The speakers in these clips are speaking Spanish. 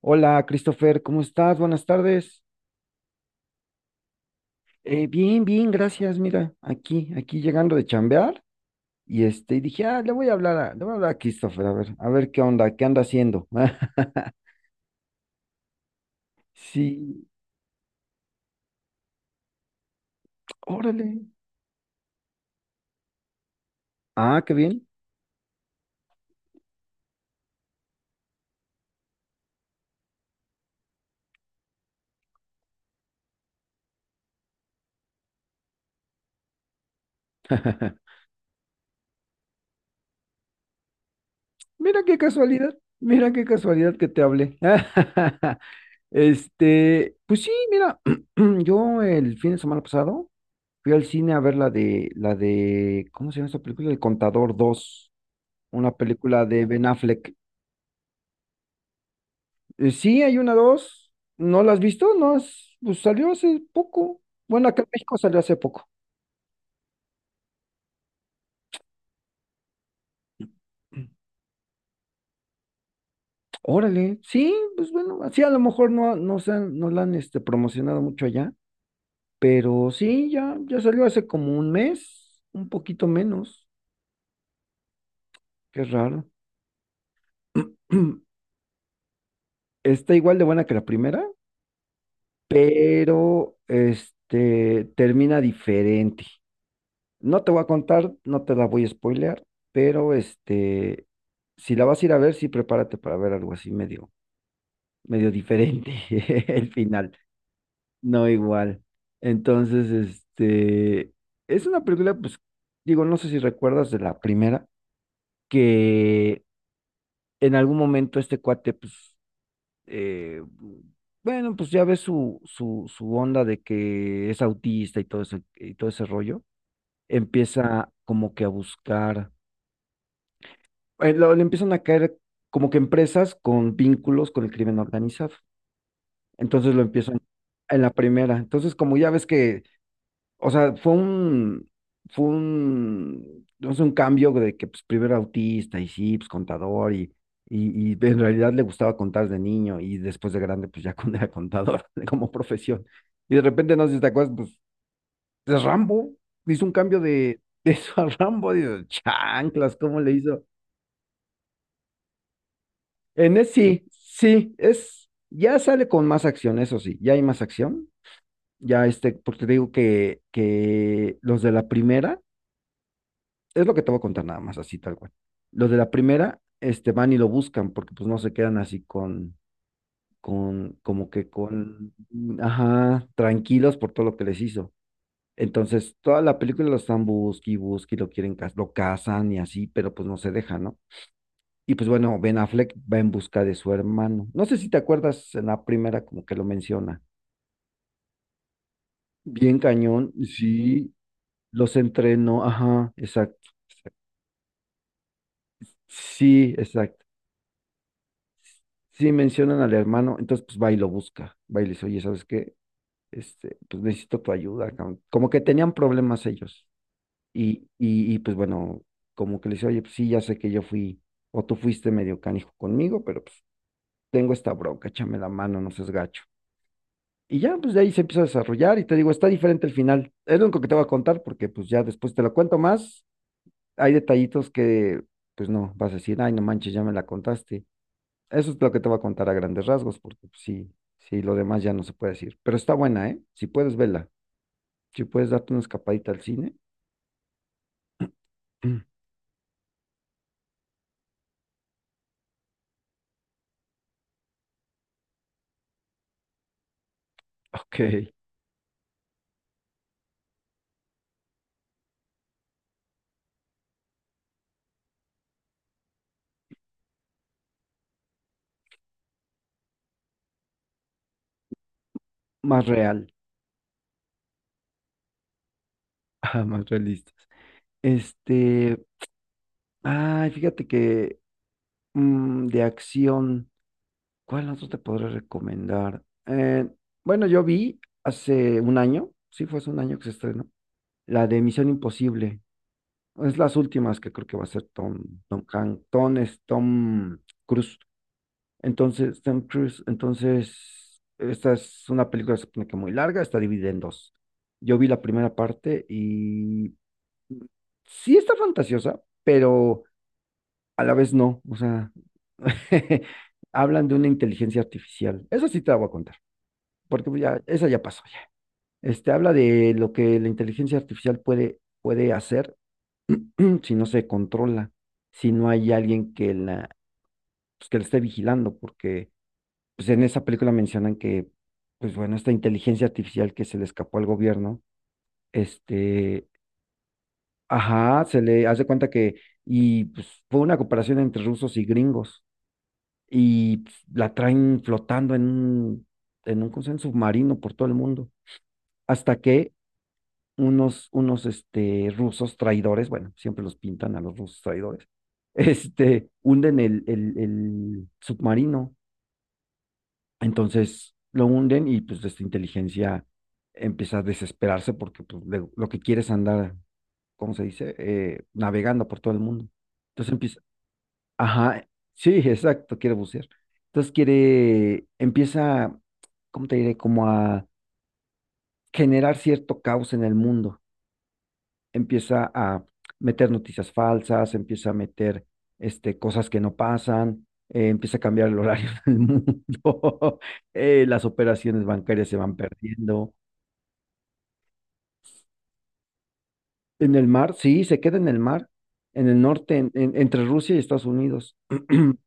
Hola, Christopher, ¿cómo estás? Buenas tardes. Bien, bien, gracias. Mira, aquí llegando de chambear y y dije, ah, le voy a hablar a Christopher, a ver qué onda, qué anda haciendo. Sí, órale. Ah, qué bien. Mira qué casualidad que te hablé. Pues sí, mira, yo el fin de semana pasado fui al cine a ver la de, ¿cómo se llama esta película? El Contador 2. Una película de Ben Affleck. Sí, hay una, dos. ¿No la has visto? No, pues salió hace poco. Bueno, acá en México salió hace poco. Órale, sí, pues bueno, así a lo mejor no la han promocionado mucho allá, pero sí, ya, ya salió hace como un mes, un poquito menos. Qué raro. Está igual de buena que la primera, pero termina diferente. No te voy a contar, no te la voy a spoilear, pero si la vas a ir a ver, sí prepárate para ver algo así medio, medio diferente, el final, no igual. Entonces, es una película, pues, digo, no sé si recuerdas de la primera, que en algún momento este cuate, pues, eh, bueno, pues ya ves su onda de que es autista todo ese rollo, empieza como que a buscar le empiezan a caer como que empresas con vínculos con el crimen organizado. Entonces lo empiezan en la primera. Entonces, como ya ves que, o sea, fue un, no sé, un cambio de que pues, primero era autista y sí, pues contador y, y en realidad le gustaba contar de niño y después de grande, pues ya era contador como profesión. Y de repente, no sé si te acuerdas, pues es Rambo, hizo un cambio de, de eso a Rambo, digo, chanclas, ¿cómo le hizo? En ese sí, sí, ya sale con más acción, eso sí, ya hay más acción, ya porque te digo que los de la primera, es lo que te voy a contar nada más, así tal cual. Los de la primera, van y lo buscan, porque pues no se quedan así con, como que con, ajá, tranquilos por todo lo que les hizo. Entonces, toda la película lo están busque y busque y lo quieren, lo cazan y así, pero pues no se deja, ¿no? Y pues bueno, Ben Affleck va en busca de su hermano. No sé si te acuerdas en la primera como que lo menciona. Bien cañón, sí, los entrenó, ajá, exacto, exacto. Sí, exacto. Sí, mencionan al hermano, entonces pues va y lo busca, va y le dice, oye, ¿sabes qué? Pues necesito tu ayuda, cabrón. Como que tenían problemas ellos. Y pues bueno, como que le dice, oye, pues sí, ya sé que yo fui, o tú fuiste medio canijo conmigo, pero pues tengo esta bronca, échame la mano, no seas gacho. Y ya, pues de ahí se empieza a desarrollar y te digo, está diferente el final. Es lo único que te voy a contar porque pues ya después te lo cuento más. Hay detallitos que pues no, vas a decir, ay, no manches, ya me la contaste. Eso es lo que te voy a contar a grandes rasgos porque pues, sí, sí, lo demás ya no se puede decir. Pero está buena, ¿eh? Si puedes verla, si puedes darte una escapadita al cine. Mm, OK, más real, ah, más realistas. Este, Ay, fíjate que de acción. ¿Cuál otro te podré recomendar? Bueno, yo vi hace un año, sí fue hace un año que se estrenó, la de Misión Imposible. Es las últimas que creo que va a ser Tom Hanks, Tom es Tom Cruise. Entonces, Tom Cruise, entonces, esta es una película se supone que muy larga, está dividida en dos. Yo vi la primera parte y sí está fantasiosa, pero a la vez no. O sea, hablan de una inteligencia artificial. Eso sí te la voy a contar porque pues, ya, eso ya pasó ya. Habla de lo que la inteligencia artificial puede hacer si no se controla, si no hay alguien pues, que la esté vigilando, porque pues, en esa película mencionan que, pues bueno, esta inteligencia artificial que se le escapó al gobierno, este, ajá, se le hace cuenta que, y pues fue una cooperación entre rusos y gringos, y pues, la traen flotando en un, ¿cómo se llama? Submarino por todo el mundo, hasta que unos rusos traidores, bueno, siempre los pintan a los rusos traidores, hunden el submarino. Entonces lo hunden y pues esta inteligencia empieza a desesperarse porque pues, lo que quiere es andar, ¿cómo se dice? Navegando por todo el mundo. Entonces empieza, ajá, sí, exacto, quiere bucear. Entonces quiere, empieza, ¿cómo te diré? Como a generar cierto caos en el mundo, empieza a meter noticias falsas, empieza a meter cosas que no pasan, empieza a cambiar el horario del mundo, las operaciones bancarias se van perdiendo. En el mar, sí, se queda en el mar, en el norte, entre Rusia y Estados Unidos.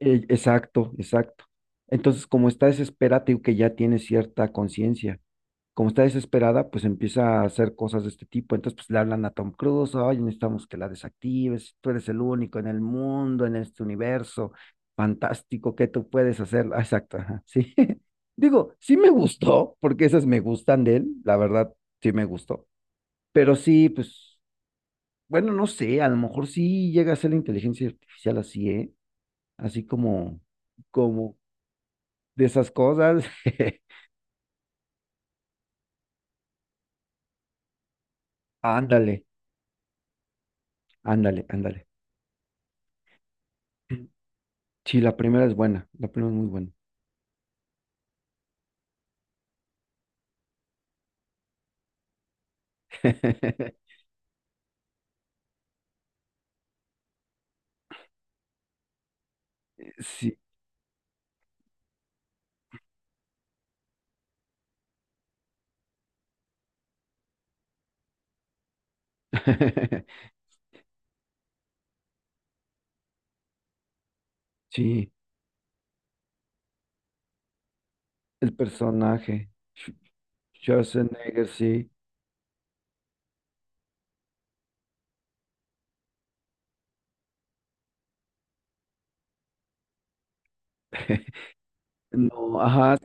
Exacto, exacto. Entonces, como está desesperado y que ya tiene cierta conciencia, como está desesperada, pues empieza a hacer cosas de este tipo. Entonces, pues le hablan a Tom Cruise, oye, necesitamos que la desactives, tú eres el único en el mundo, en este universo fantástico, ¿qué tú puedes hacer? Ah, exacto, ajá, sí. Digo, sí me gustó, porque esas me gustan de él, la verdad, sí me gustó. Pero sí, pues, bueno, no sé, a lo mejor sí llega a ser la inteligencia artificial así, ¿eh? Así como de esas cosas. Ándale, ándale, ándale. Sí, la primera es buena, la primera es muy buena. Sí, sí, el personaje, Sch- Schwarzenegger, sí. No, ajá,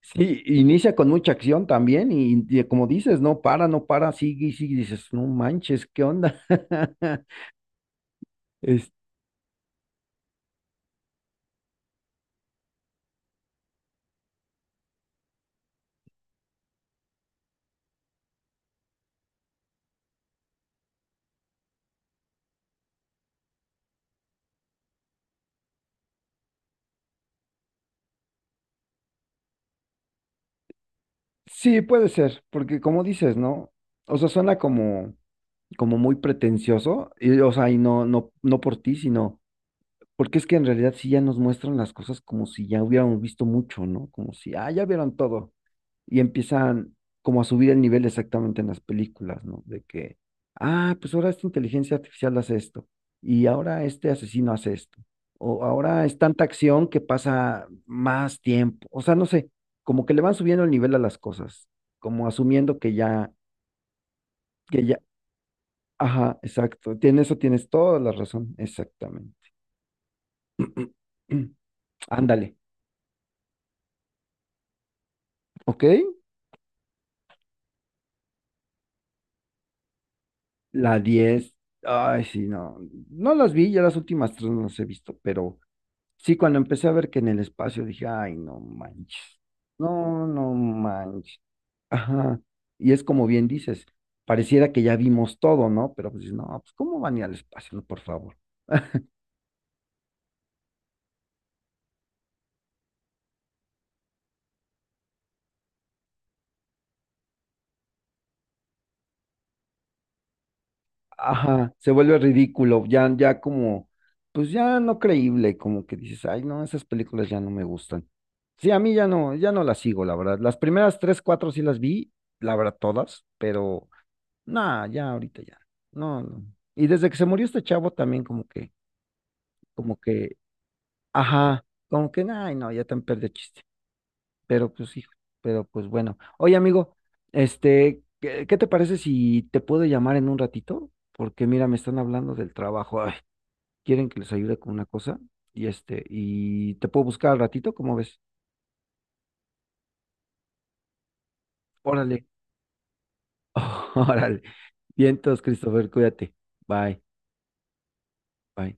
sí, inicia con mucha acción también y, como dices, no para, no para, sigue y sigue, y dices, no manches, ¿qué onda? Es- sí, puede ser, porque como dices, ¿no? O sea, suena como muy pretencioso, y, o sea, y no, no, no por ti, sino... Porque es que en realidad sí ya nos muestran las cosas como si ya hubiéramos visto mucho, ¿no? Como si, ah, ya vieron todo. Y empiezan como a subir el nivel exactamente en las películas, ¿no? De que, ah, pues ahora esta inteligencia artificial hace esto. Y ahora este asesino hace esto. O ahora es tanta acción que pasa más tiempo. O sea, no sé, como que le van subiendo el nivel a las cosas, como asumiendo que ya, que ya, ajá, exacto. En eso tienes toda la razón, exactamente. Ándale, ¿ok? La 10, ay, sí, no, no las vi, ya las últimas tres no las he visto, pero sí, cuando empecé a ver que en el espacio dije, ay, no manches, no, no manches, ajá, y es como bien dices, pareciera que ya vimos todo, ¿no? Pero pues dices, no, pues, ¿cómo van a ir al espacio? No, por favor. Ajá, se vuelve ridículo, ya, ya como, pues ya no creíble, como que dices, ay, no, esas películas ya no me gustan. Sí, a mí ya no, ya no las sigo, la verdad. Las primeras tres, cuatro sí las vi, la verdad, todas, pero nada, ya ahorita ya. No, no. Y desde que se murió este chavo también como que, ajá, como que, ay, no, ya tan perdió chiste. Pero pues hijo, pero pues bueno. Oye, amigo, ¿qué te parece si te puedo llamar en un ratito? Porque mira, me están hablando del trabajo. Quieren que les ayude con una cosa y te puedo buscar al ratito, ¿cómo ves? Órale, órale. Vientos, Christopher, cuídate. Bye, bye.